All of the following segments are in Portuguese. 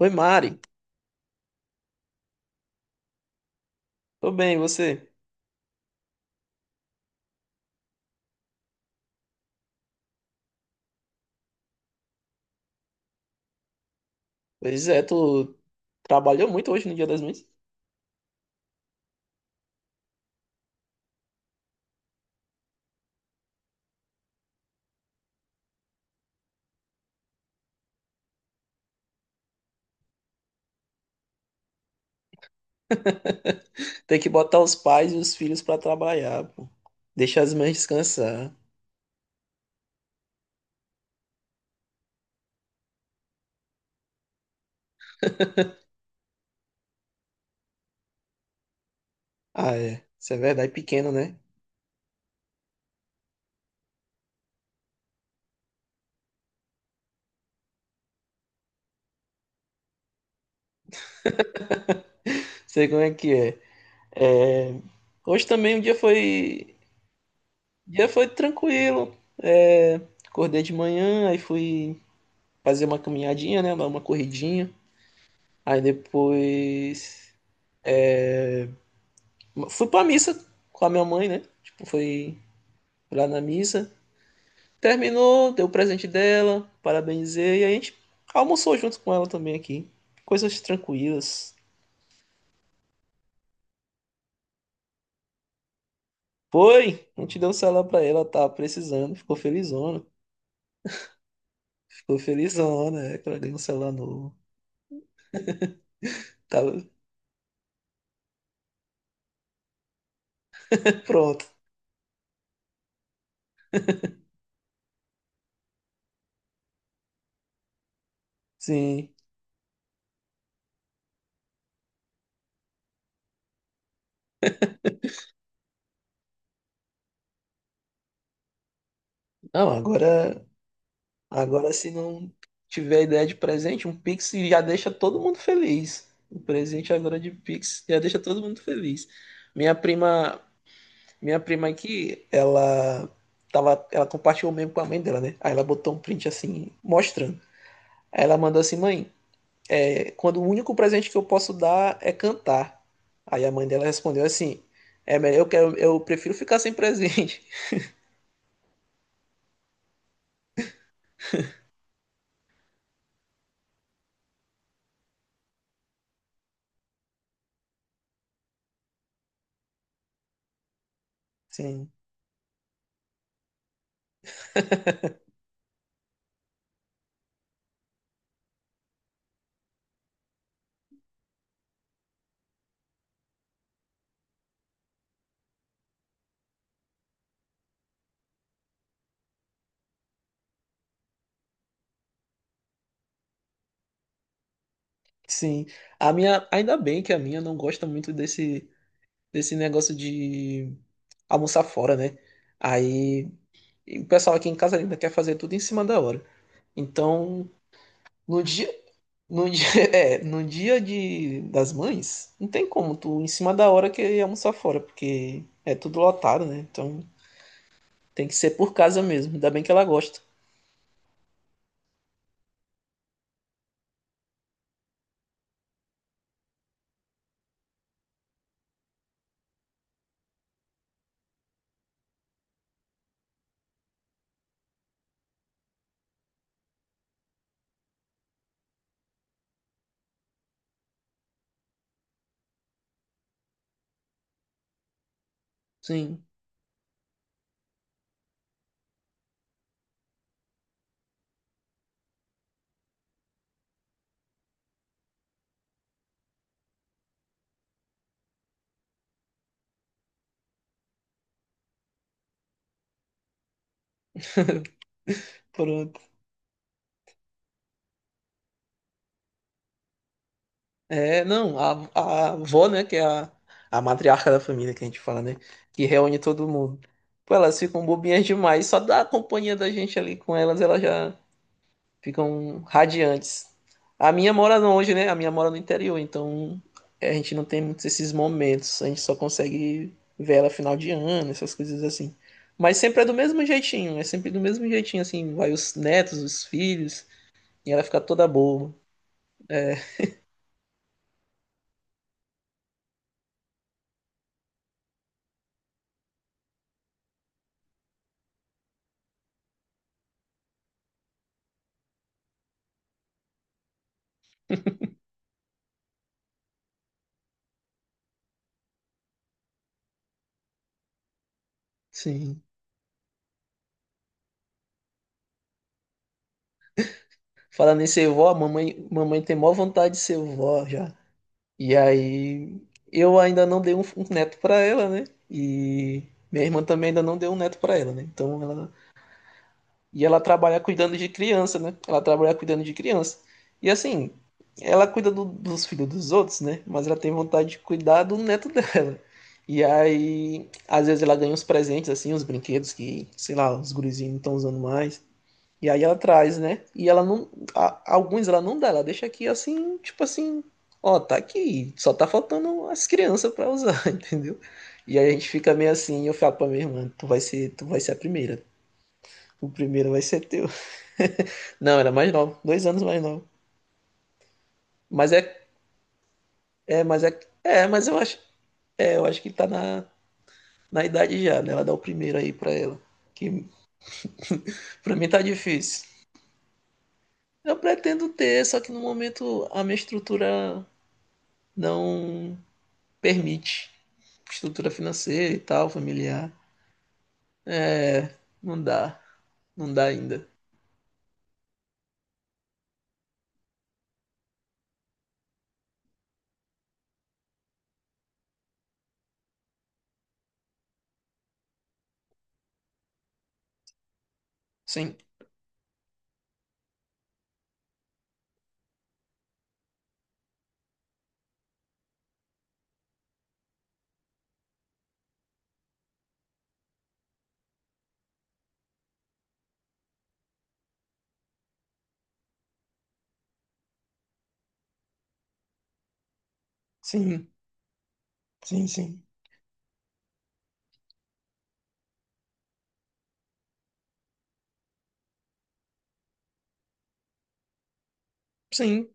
Oi, Mari. Tô bem, e você? Pois é, tu trabalhou muito hoje no Dia das Mães? Tem que botar os pais e os filhos pra trabalhar, pô. Deixar as mães descansar. Ah, é. Isso é verdade, pequeno, né? Sei como é que é. Hoje também o dia foi tranquilo. É, acordei de manhã, aí fui fazer uma caminhadinha, né? Dar uma corridinha. Aí depois fui pra missa com a minha mãe, né? Tipo, fui lá na missa. Terminou, deu o presente dela, parabenizei, e a gente almoçou junto com ela também aqui. Coisas tranquilas. Foi, a gente deu um celular pra ela, ela tava precisando, ficou felizona. Ficou felizona, é, que ela ganhou um celular novo. Tava pronto, sim. Não, agora, agora se não tiver ideia de presente, um Pix já deixa todo mundo feliz. O presente agora de Pix já deixa todo mundo feliz. Minha prima, Minha prima aqui, ela tava, ela compartilhou mesmo com a mãe dela, né? Aí ela botou um print assim, mostrando. Aí ela mandou assim, mãe, é, quando o único presente que eu posso dar é cantar. Aí a mãe dela respondeu assim, é melhor, eu quero, eu prefiro ficar sem presente. Sim, sim. A minha, ainda bem que a minha não gosta muito desse negócio de almoçar fora, né? Aí e o pessoal aqui em casa ainda quer fazer tudo em cima da hora. Então, no dia, No dia, é, no dia de, das mães, não tem como tu em cima da hora querer almoçar fora, porque é tudo lotado, né? Então tem que ser por casa mesmo. Ainda bem que ela gosta. Sim, pronto. É, não, a avó, né, que é a matriarca da família que a gente fala, né? Que reúne todo mundo. Pô, elas ficam bobinhas demais, só da companhia da gente ali com elas, ela já. Ficam radiantes. A minha mora longe, né? A minha mora no interior, então é, a gente não tem muitos esses momentos. A gente só consegue ver ela final de ano, essas coisas assim. Mas sempre é do mesmo jeitinho, é sempre do mesmo jeitinho, assim. Vai os netos, os filhos, e ela fica toda boba. É, sim. Falando em ser vó, a mamãe tem maior vontade de ser vó já. E aí eu ainda não dei um neto pra ela, né? E minha irmã também ainda não deu um neto pra ela, né? Então ela E ela trabalha cuidando de criança, né? Ela trabalha cuidando de criança. E assim, ela cuida do- dos filhos dos outros, né? Mas ela tem vontade de cuidar do neto dela. E aí, às vezes ela ganha uns presentes, assim, uns brinquedos que, sei lá, os gurizinhos não estão usando mais. E aí ela traz, né? E ela não. a- alguns ela não dá, ela deixa aqui assim, tipo assim, ó, tá aqui, só tá faltando as crianças pra usar, entendeu? E aí a gente fica meio assim, eu falo pra minha irmã, tu vai ser a primeira. O primeiro vai ser teu. Não, era mais nova. Dois anos mais nova. Mas é, é, mas é, mas eu acho, é, eu acho que tá na idade já, né? Ela dá o primeiro aí pra ela. Que pra mim tá difícil. Eu pretendo ter, só que no momento a minha estrutura não permite. Estrutura financeira e tal, familiar. É, Não dá. Não dá ainda. Sim, sim, sim, sim. Sim.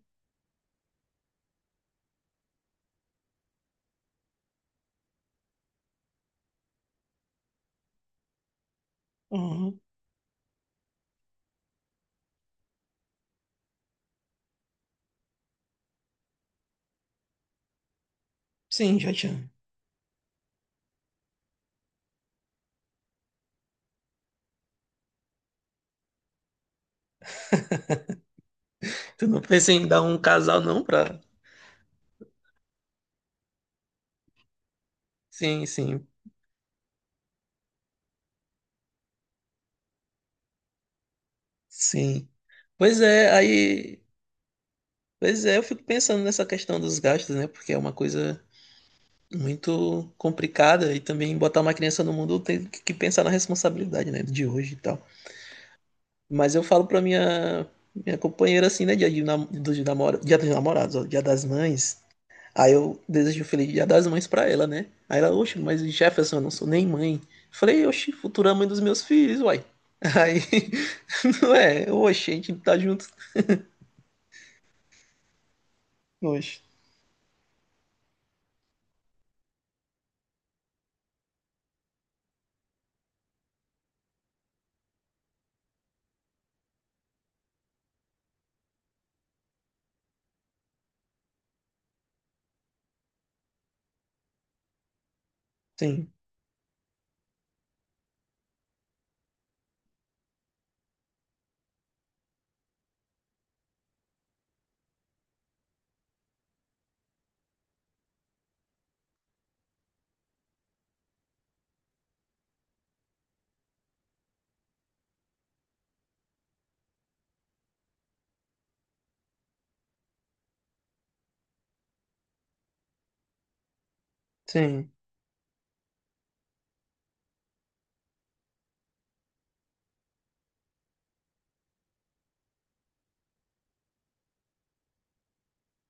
Uhum. Sim, já tinha. Tu não pensa em dar um casal, não, pra. Sim, sim. Sim. Pois é, aí, pois é, eu fico pensando nessa questão dos gastos, né? Porque é uma coisa muito complicada e também botar uma criança no mundo tem que pensar na responsabilidade, né, de hoje e tal. Mas eu falo pra minha companheira assim, né, dia de nam- dos namora, dia dos namorados, ó, dia das mães. Aí eu desejo um feliz dia das mães pra ela, né? Aí ela, oxe, mas Jefferson, eu não sou nem mãe. Eu falei, oxe, futura mãe dos meus filhos, uai. Aí, não é, oxe, a gente tá junto. Oxe, sim, sim.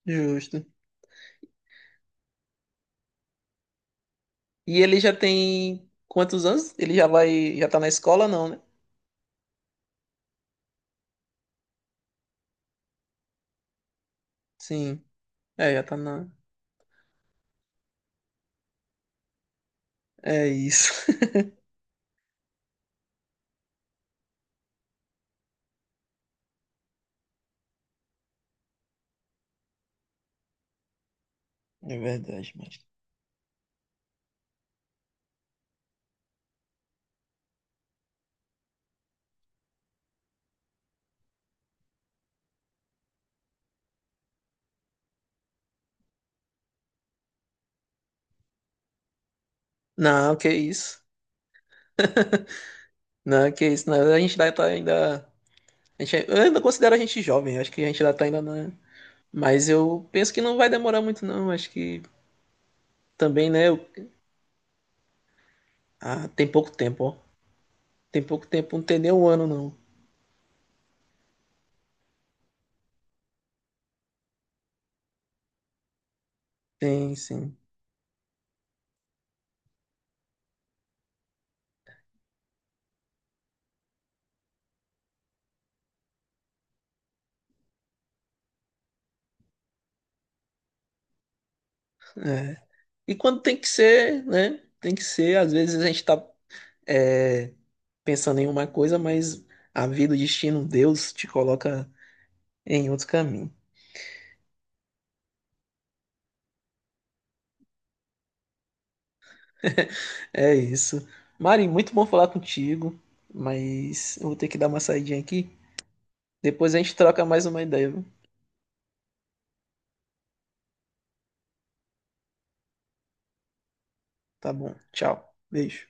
Justo. E ele já tem quantos anos? Ele já vai, já tá na escola, não, né? Sim. É, já tá na. É isso. É verdade, mas. Não, que isso. Não, que isso. Não, a gente ainda tá ainda. A gente, eu ainda considero a gente jovem, acho que a gente ainda tá ainda na. Mas eu penso que não vai demorar muito, não. Acho que também, né? eu- Ah, tem pouco tempo, ó. Tem pouco tempo, não tem nem um ano, não. Tem, sim. É. E quando tem que ser, né? Tem que ser, às vezes a gente tá. é, pensando em uma coisa, mas a vida, o destino, Deus te coloca em outro caminho. É isso. Mari, muito bom falar contigo, mas eu vou ter que dar uma saidinha aqui. Depois a gente troca mais uma ideia, viu? Tá bom. Tchau. Beijo.